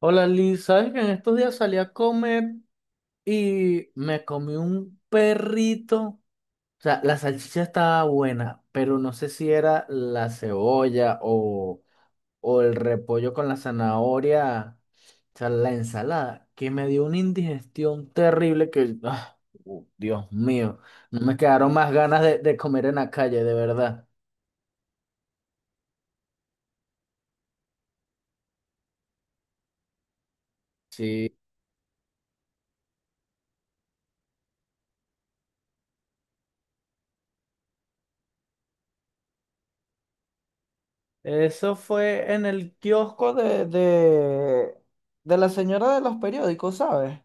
Hola Liz, ¿sabes que en estos días salí a comer y me comí un perrito? O sea, la salchicha estaba buena, pero no sé si era la cebolla o el repollo con la zanahoria, o sea, la ensalada, que me dio una indigestión terrible que, Dios mío, no me quedaron más ganas de comer en la calle, de verdad. Sí. Eso fue en el kiosco de la señora de los periódicos, ¿sabes?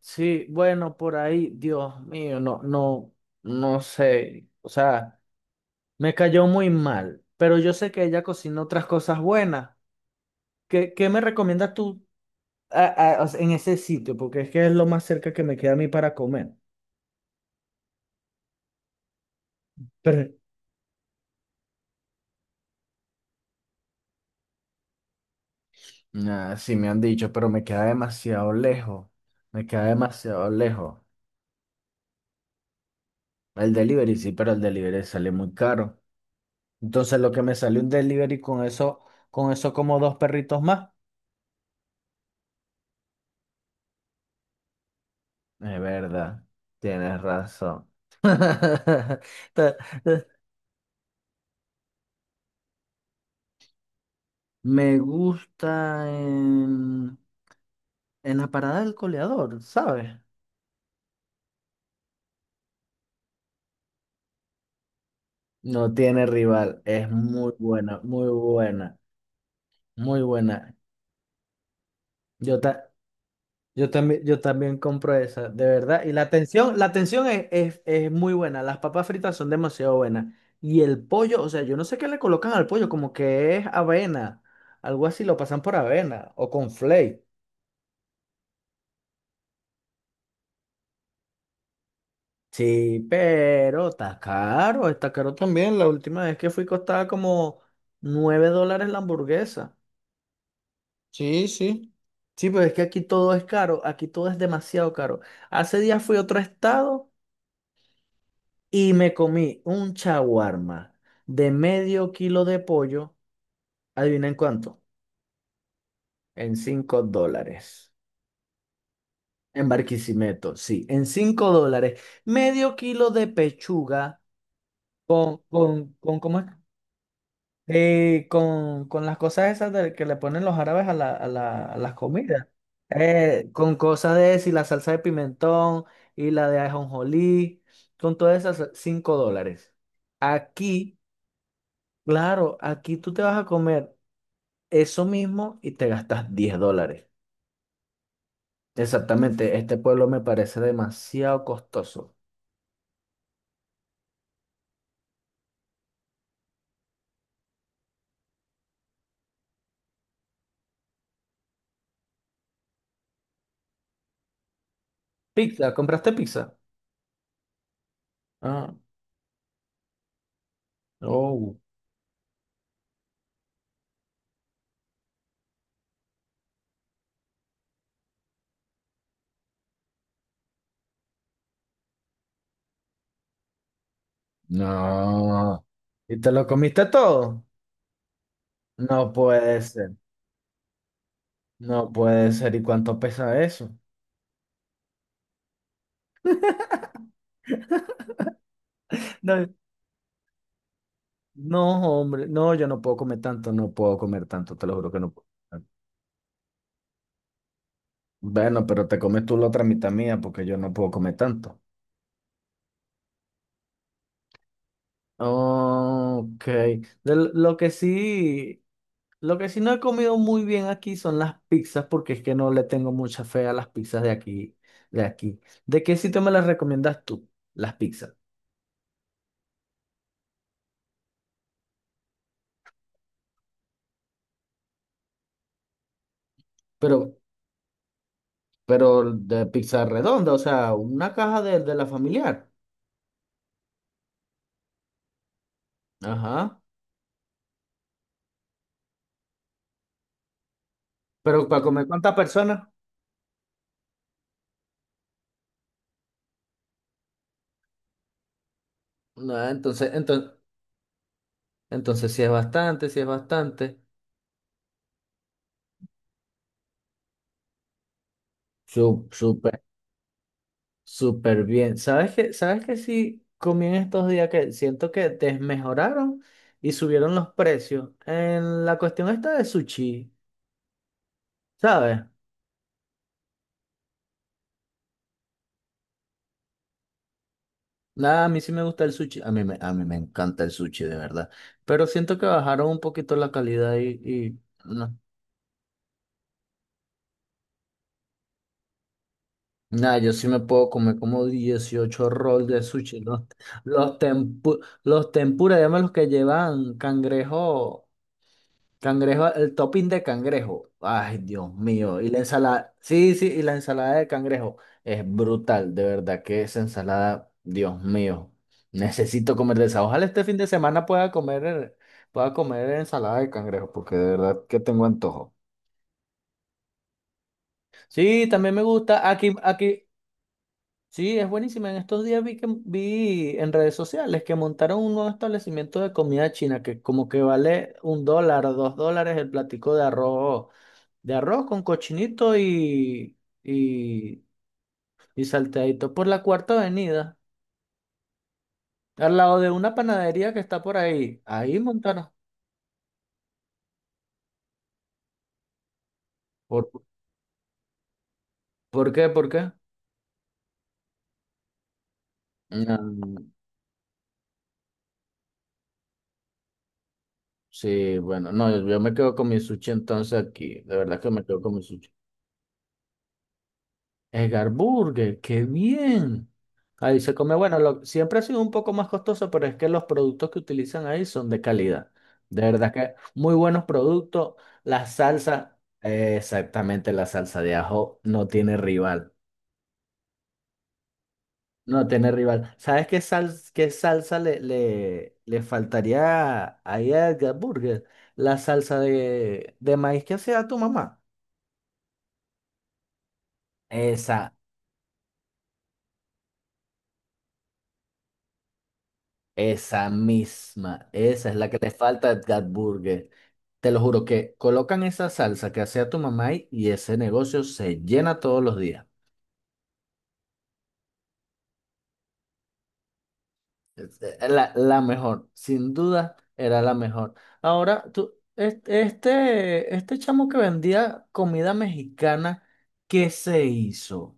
Sí, bueno, por ahí, Dios mío, no, no, no sé, o sea, me cayó muy mal, pero yo sé que ella cocina otras cosas buenas. ¿Qué me recomiendas tú o sea, ¿en ese sitio? Porque es que es lo más cerca que me queda a mí para comer. Pero, Ah, sí, me han dicho, pero me queda demasiado lejos. Me queda demasiado lejos. El delivery, sí, pero el delivery sale muy caro. Entonces lo que me salió un delivery con eso, como dos perritos más. Es verdad, tienes razón. Ta- ta- Me gusta en la parada del coleador, ¿sabes? No tiene rival, es muy buena, muy buena, muy buena. Yo, ta- yo también compro esa, de verdad. Y la atención es muy buena. Las papas fritas son demasiado buenas. Y el pollo, o sea, yo no sé qué le colocan al pollo, como que es avena. Algo así, lo pasan por avena o con flake. Sí, pero está caro también. La última vez que fui costaba como $9 la hamburguesa. Sí, sí. Sí, pero es que aquí todo es caro, aquí todo es demasiado caro. Hace días fui a otro estado. Y me comí un chaguarma de medio kilo de pollo. ¿Adivina en cuánto? En $5. En Barquisimeto, sí, en $5. Medio kilo de pechuga ¿cómo es? Con las cosas esas de, que le ponen los árabes a las comidas. Con cosas de si la salsa de pimentón y la de ajonjolí, con todas esas, $5. Aquí, claro, aquí tú te vas a comer eso mismo y te gastas $10. Exactamente, este pueblo me parece demasiado costoso. Pizza, ¿compraste pizza? Ah, oh, no. ¿Y te lo comiste todo? No puede ser, no puede ser. ¿Y cuánto pesa eso? No, no, hombre, no, yo no puedo comer tanto, no puedo comer tanto, te lo juro que no puedo. Bueno, pero te comes tú la otra mitad mía porque yo no puedo comer tanto. Ok. De lo que sí Lo que sí no he comido muy bien aquí son las pizzas, porque es que no le tengo mucha fe a las pizzas de aquí, de aquí. ¿De qué sitio me las recomiendas tú, las pizzas? Pero, pero de pizza redonda, o sea, una caja de la familiar. Ajá. Pero para comer cuántas personas, no, entonces, entonces sí es bastante, sí es bastante. súper Súper bien. ¿Sabes qué? ¿Sabes qué sí comí en estos días que siento que desmejoraron y subieron los precios? En la cuestión esta de sushi, ¿sabes? Nada, a mí sí me gusta el sushi. A mí me, encanta el sushi, de verdad. Pero siento que bajaron un poquito la calidad y no. Nada, yo sí me puedo comer como 18 rolls de sushi. Los, tempu- los tempura, llaman los que llevan cangrejo. Cangrejo, el topping de cangrejo. Ay, Dios mío. Y la ensalada, sí, sí, y la ensalada de cangrejo es brutal, de verdad que esa ensalada, Dios mío. Necesito comer de esa. Ojalá este fin de semana pueda comer, ensalada de cangrejo, porque de verdad que tengo antojo. Sí, también me gusta. Aquí, aquí, sí, es buenísima. En estos días vi que vi en redes sociales que montaron un nuevo establecimiento de comida china que como que vale $1, $2 el platico de arroz con cochinito y, y salteadito por la Cuarta Avenida, al lado de una panadería que está por ahí. Ahí montaron. ¿Por, por qué? ¿Por qué? Mm, sí, bueno, no, yo me quedo con mi sushi entonces aquí. De verdad que me quedo con mi sushi. Edgar Burger, qué bien. Ahí se come, bueno, siempre ha sido un poco más costoso, pero es que los productos que utilizan ahí son de calidad. De verdad que muy buenos productos. La salsa, exactamente, la salsa de ajo no tiene rival. No tiene rival. ¿Sabes qué, qué salsa le, le faltaría ahí a Edgar Burger? La salsa de maíz que hacía tu mamá. Esa, Esa misma, esa es la que le falta a Edgar Burger. Te lo juro que colocan esa salsa que hacía tu mamá y ese negocio se llena todos los días. La mejor, sin duda, era la mejor. Ahora, tú, este chamo que vendía comida mexicana, ¿qué se hizo?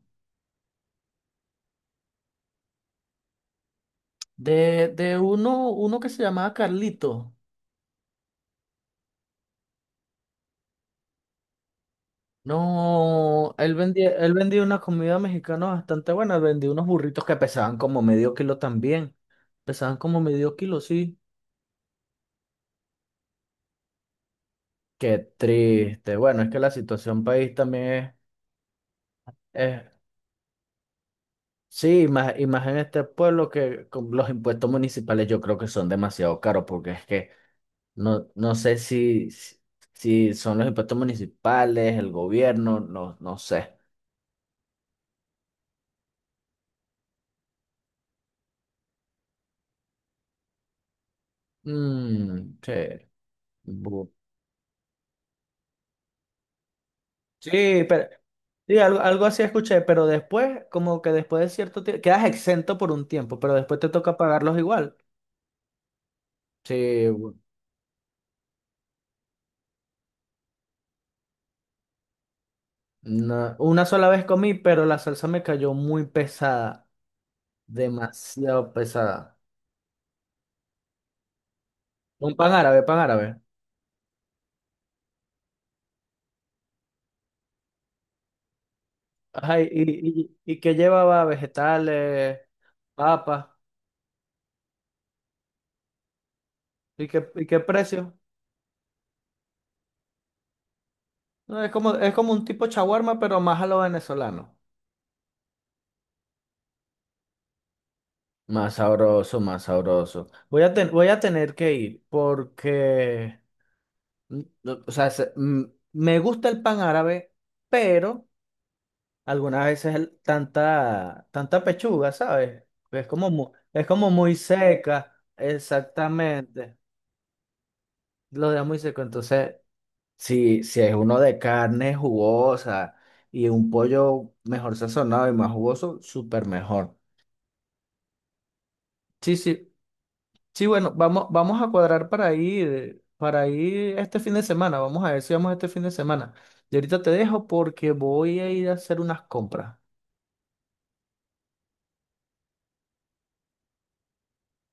De uno, que se llamaba Carlito. No, él vendía, una comida mexicana bastante buena, vendía unos burritos que pesaban como medio kilo también. Pesaban como medio kilo, sí. Qué triste. Bueno, es que la situación país también es, sí, y más en este pueblo que con los impuestos municipales yo creo que son demasiado caros porque es que no, no sé si, si son los impuestos municipales, el gobierno, no, no sé. Mm, sí. Bu- Sí, pero Sí, algo, así escuché, pero después, como que después de cierto tiempo, quedas exento por un tiempo, pero después te toca pagarlos igual. Sí, bu- una sola vez comí, pero la salsa me cayó muy pesada, demasiado pesada. Un pan árabe, pan árabe. Ajá, y que llevaba vegetales, papas, ¿y qué, precio? No, es como, un tipo chaguarma, pero más a lo venezolano. Más sabroso, más sabroso. Voy a tener que ir porque... Mm, no, O sea, me gusta el pan árabe, pero algunas veces tanta, pechuga, ¿sabes? Es como, es como muy seca, exactamente. Lo deja muy seco. Entonces, si, es uno de carne jugosa y un pollo mejor sazonado y más jugoso, súper mejor. Sí, sí. Sí, bueno, vamos, a cuadrar para ir, este fin de semana. Vamos a ver si vamos este fin de semana. Y ahorita te dejo porque voy a ir a hacer unas compras.